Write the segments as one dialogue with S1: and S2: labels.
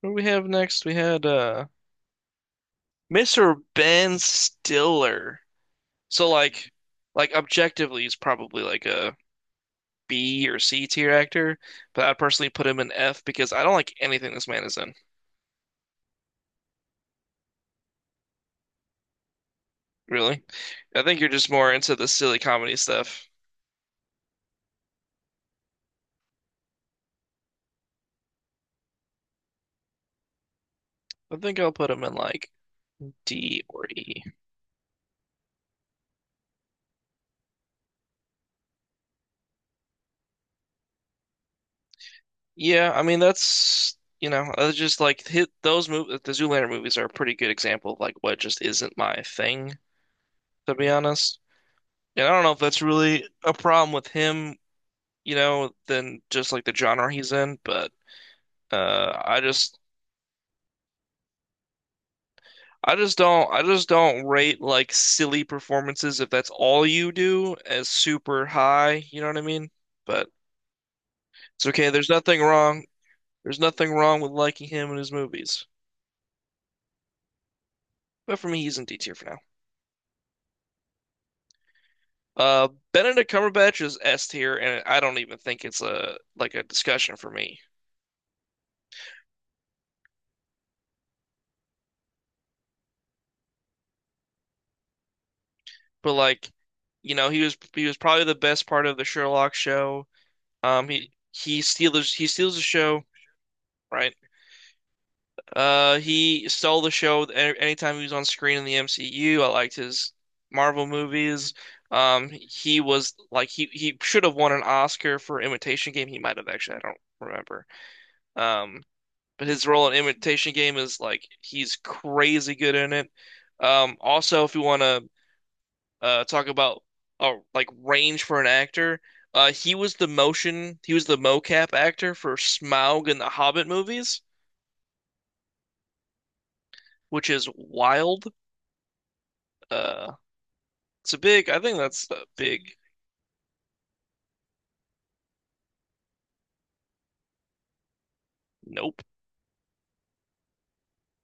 S1: What do we have next? We had Mr. Ben Stiller. So like like objectively he's probably like a B or C tier actor, but I'd personally put him in F because I don't like anything this man is in, really. I think you're just more into the silly comedy stuff. I think I'll put him in like D or E. Yeah, I mean that's just like hit those mov the Zoolander movies are a pretty good example of like what just isn't my thing, to be honest. And I don't know if that's really a problem with him, you know, than just like the genre he's in, but uh I just I just don't rate like silly performances if that's all you do as super high, you know what I mean? But it's okay. There's nothing wrong. There's nothing wrong with liking him and his movies. But for me, he's in D tier for now. Benedict Cumberbatch is S tier and I don't even think it's a like a discussion for me. But like, he was probably the best part of the Sherlock show. He steals the show, right? He stole the show anytime he was on screen in the MCU. I liked his Marvel movies. He was like he should have won an Oscar for Imitation Game. He might have actually, I don't remember. Um, but his role in Imitation Game is like he's crazy good in it. Also, if you want to talk about like range for an actor. He was the mocap actor for Smaug in the Hobbit movies, which is wild. Uh it's a big I think that's a big nope.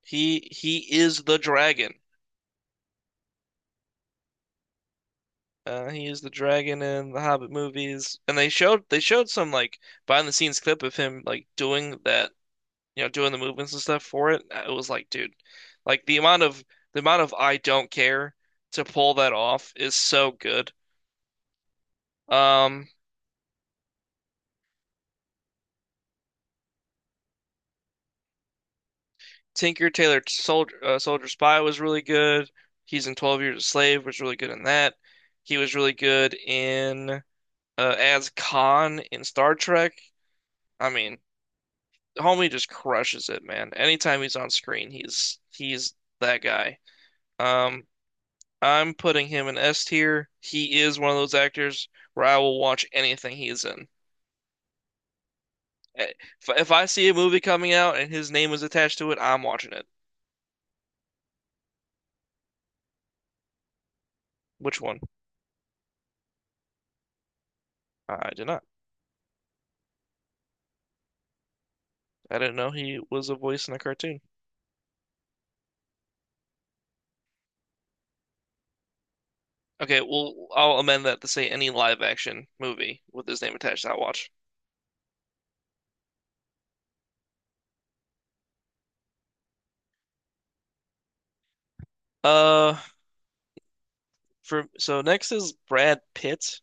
S1: He is the dragon. He is the dragon in the Hobbit movies. And they showed some like behind the scenes clip of him like doing that you know, doing the movements and stuff for it, it was like, dude, like the amount of I don't care to pull that off is so good. Um, Tinker Tailor Soldier Soldier Spy was really good. He's in 12 Years a Slave was really good in that. He was really good in as Khan in Star Trek. I mean, homie just crushes it, man. Anytime he's on screen, he's that guy. Um, I'm putting him in S tier. He is one of those actors where I will watch anything he is in. Eh, if I see a movie coming out and his name is attached to it, I'm watching it. Which one? I did not. I didn't know he was a voice in a cartoon. Okay, well, I'll amend that to say any live action movie with his name attached, I'll watch. Uh, for So next is Brad Pitt.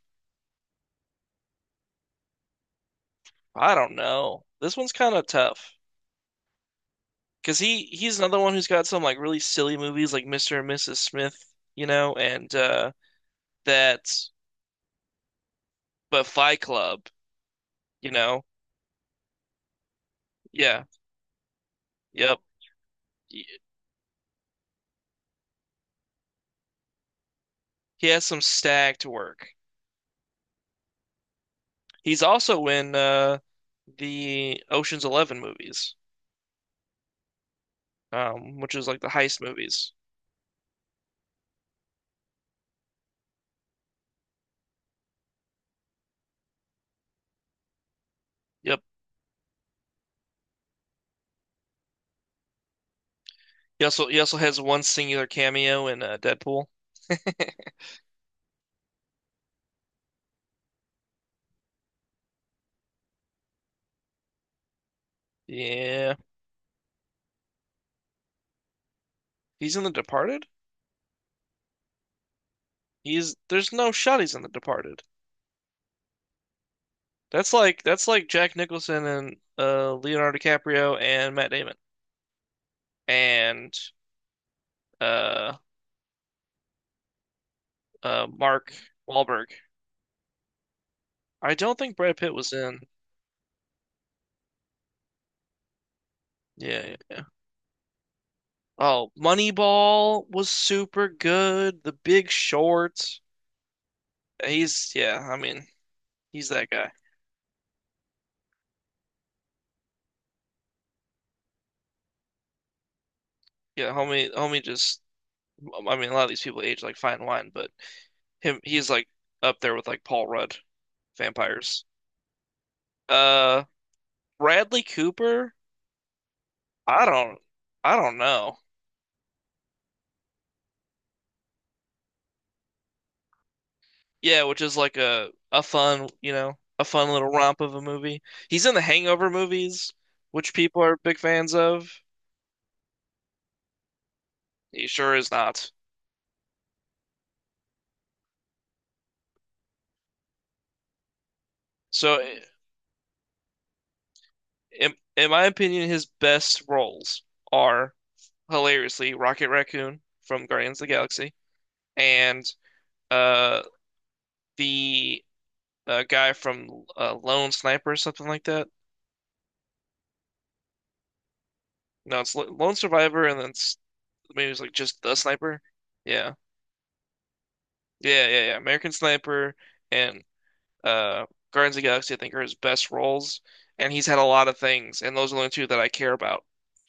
S1: I don't know. This one's kind of tough because he's another one who's got some like really silly movies like Mr. and Mrs. Smith, you know, and That's but Fight Club, you know? Yeah. Yep. He has some stacked work. He's also in the Ocean's 11 movies, which is like the heist movies. Yep. He also has one singular cameo in Deadpool. Yeah. He's in The Departed? He's There's no shot he's in The Departed. That's like Jack Nicholson and Leonardo DiCaprio and Matt Damon and uh Mark Wahlberg. I don't think Brad Pitt was in. Yeah, yeah, yeah. Oh, Moneyball was super good. The Big Short. He's yeah. I mean, he's that guy. Yeah, homie. Just I mean, a lot of these people age like fine wine, but him, he's like up there with like Paul Rudd, vampires. Uh, Bradley Cooper. I don't, I don't know. Yeah, which is like a fun, you know, a fun little romp of a movie. He's in the Hangover movies, which people are big fans of. He sure is not. So, in my opinion, his best roles are hilariously Rocket Raccoon from Guardians of the Galaxy and uh the guy from Lone Sniper or something like that. No, it's Lone Survivor, and then it's, maybe it's like just the Sniper. Yeah, yeah, yeah, yeah. American Sniper and uh Guardians of the Galaxy, I think, are his best roles, and he's had a lot of things, and those are the only two that I care about.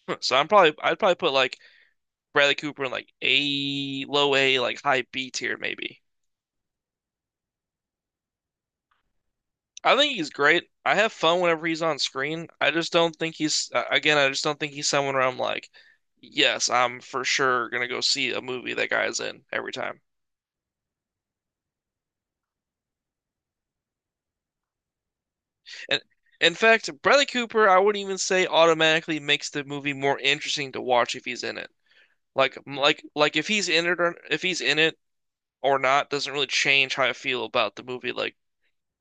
S1: So I'd probably put like Bradley Cooper in like A, low A, like high B tier maybe. I think he's great. I have fun whenever he's on screen. I just don't think he's again, I just don't think he's someone where I'm like, yes, I'm for sure gonna go see a movie that guy's in every time. And in fact, Bradley Cooper, I wouldn't even say automatically makes the movie more interesting to watch if he's in it. Like if he's in it or if he's in it or not doesn't really change how I feel about the movie, like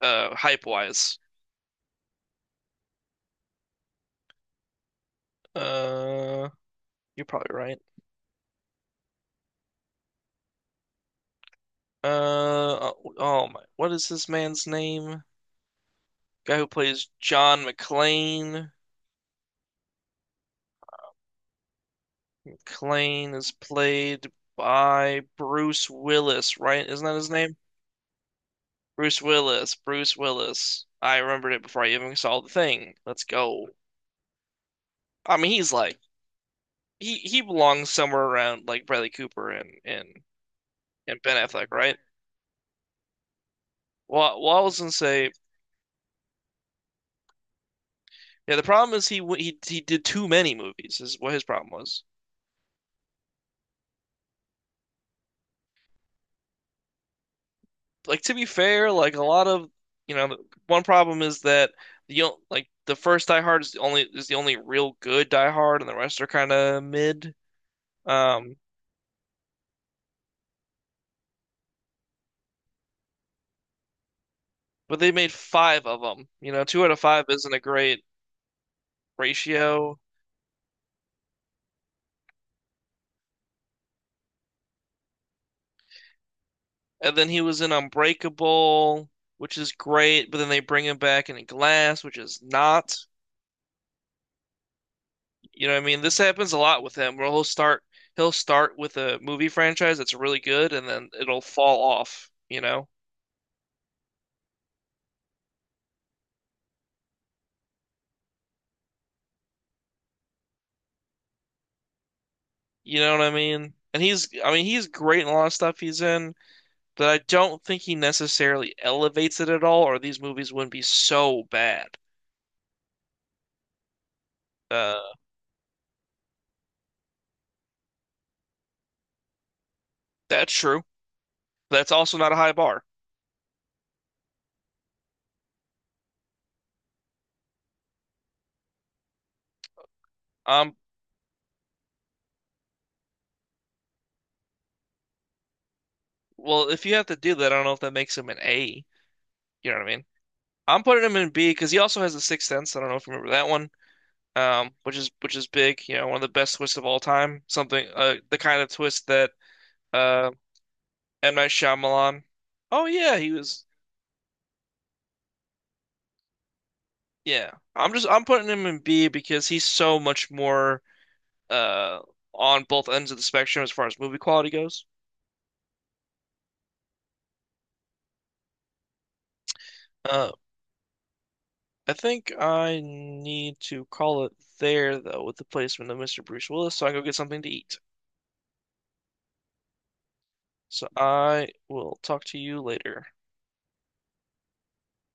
S1: hype wise. Uh, you're probably right. Oh my, what is this man's name? Guy who plays John McClane. McClane is played by Bruce Willis, right? Isn't that his name? Bruce Willis. Bruce Willis. I remembered it before I even saw the thing. Let's go. I mean, he's like he belongs somewhere around like Bradley Cooper and and Ben Affleck, right? Well, I was gonna say, yeah. The problem is he w- he did too many movies. Is what his problem was. Like to be fair, like a lot of you know, one problem is that like the first Die Hard is the only real good Die Hard, and the rest are kind of mid. Um, but they made five of them. You know, two out of five isn't a great ratio. And then he was in Unbreakable, which is great, but then they bring him back in Glass, which is not. You know what I mean? This happens a lot with him, where he'll start with a movie franchise that's really good, and then it'll fall off. You know? You know what I mean? And I mean, he's great in a lot of stuff he's in, but I don't think he necessarily elevates it at all, or these movies wouldn't be so bad. Uh, that's true. That's also not a high bar. Um, well, if you have to do that, I don't know if that makes him an A. You know what I mean? I'm putting him in B because he also has The Sixth Sense. I don't know if you remember that one, which is big. You know, one of the best twists of all time. Something, the kind of twist that uh, M. Night Shyamalan. Oh yeah, he was. Yeah, I'm just I'm putting him in B because he's so much more uh on both ends of the spectrum as far as movie quality goes. Uh, I think I need to call it there though with the placement of Mr. Bruce Willis, so I can go get something to eat. So I will talk to you later.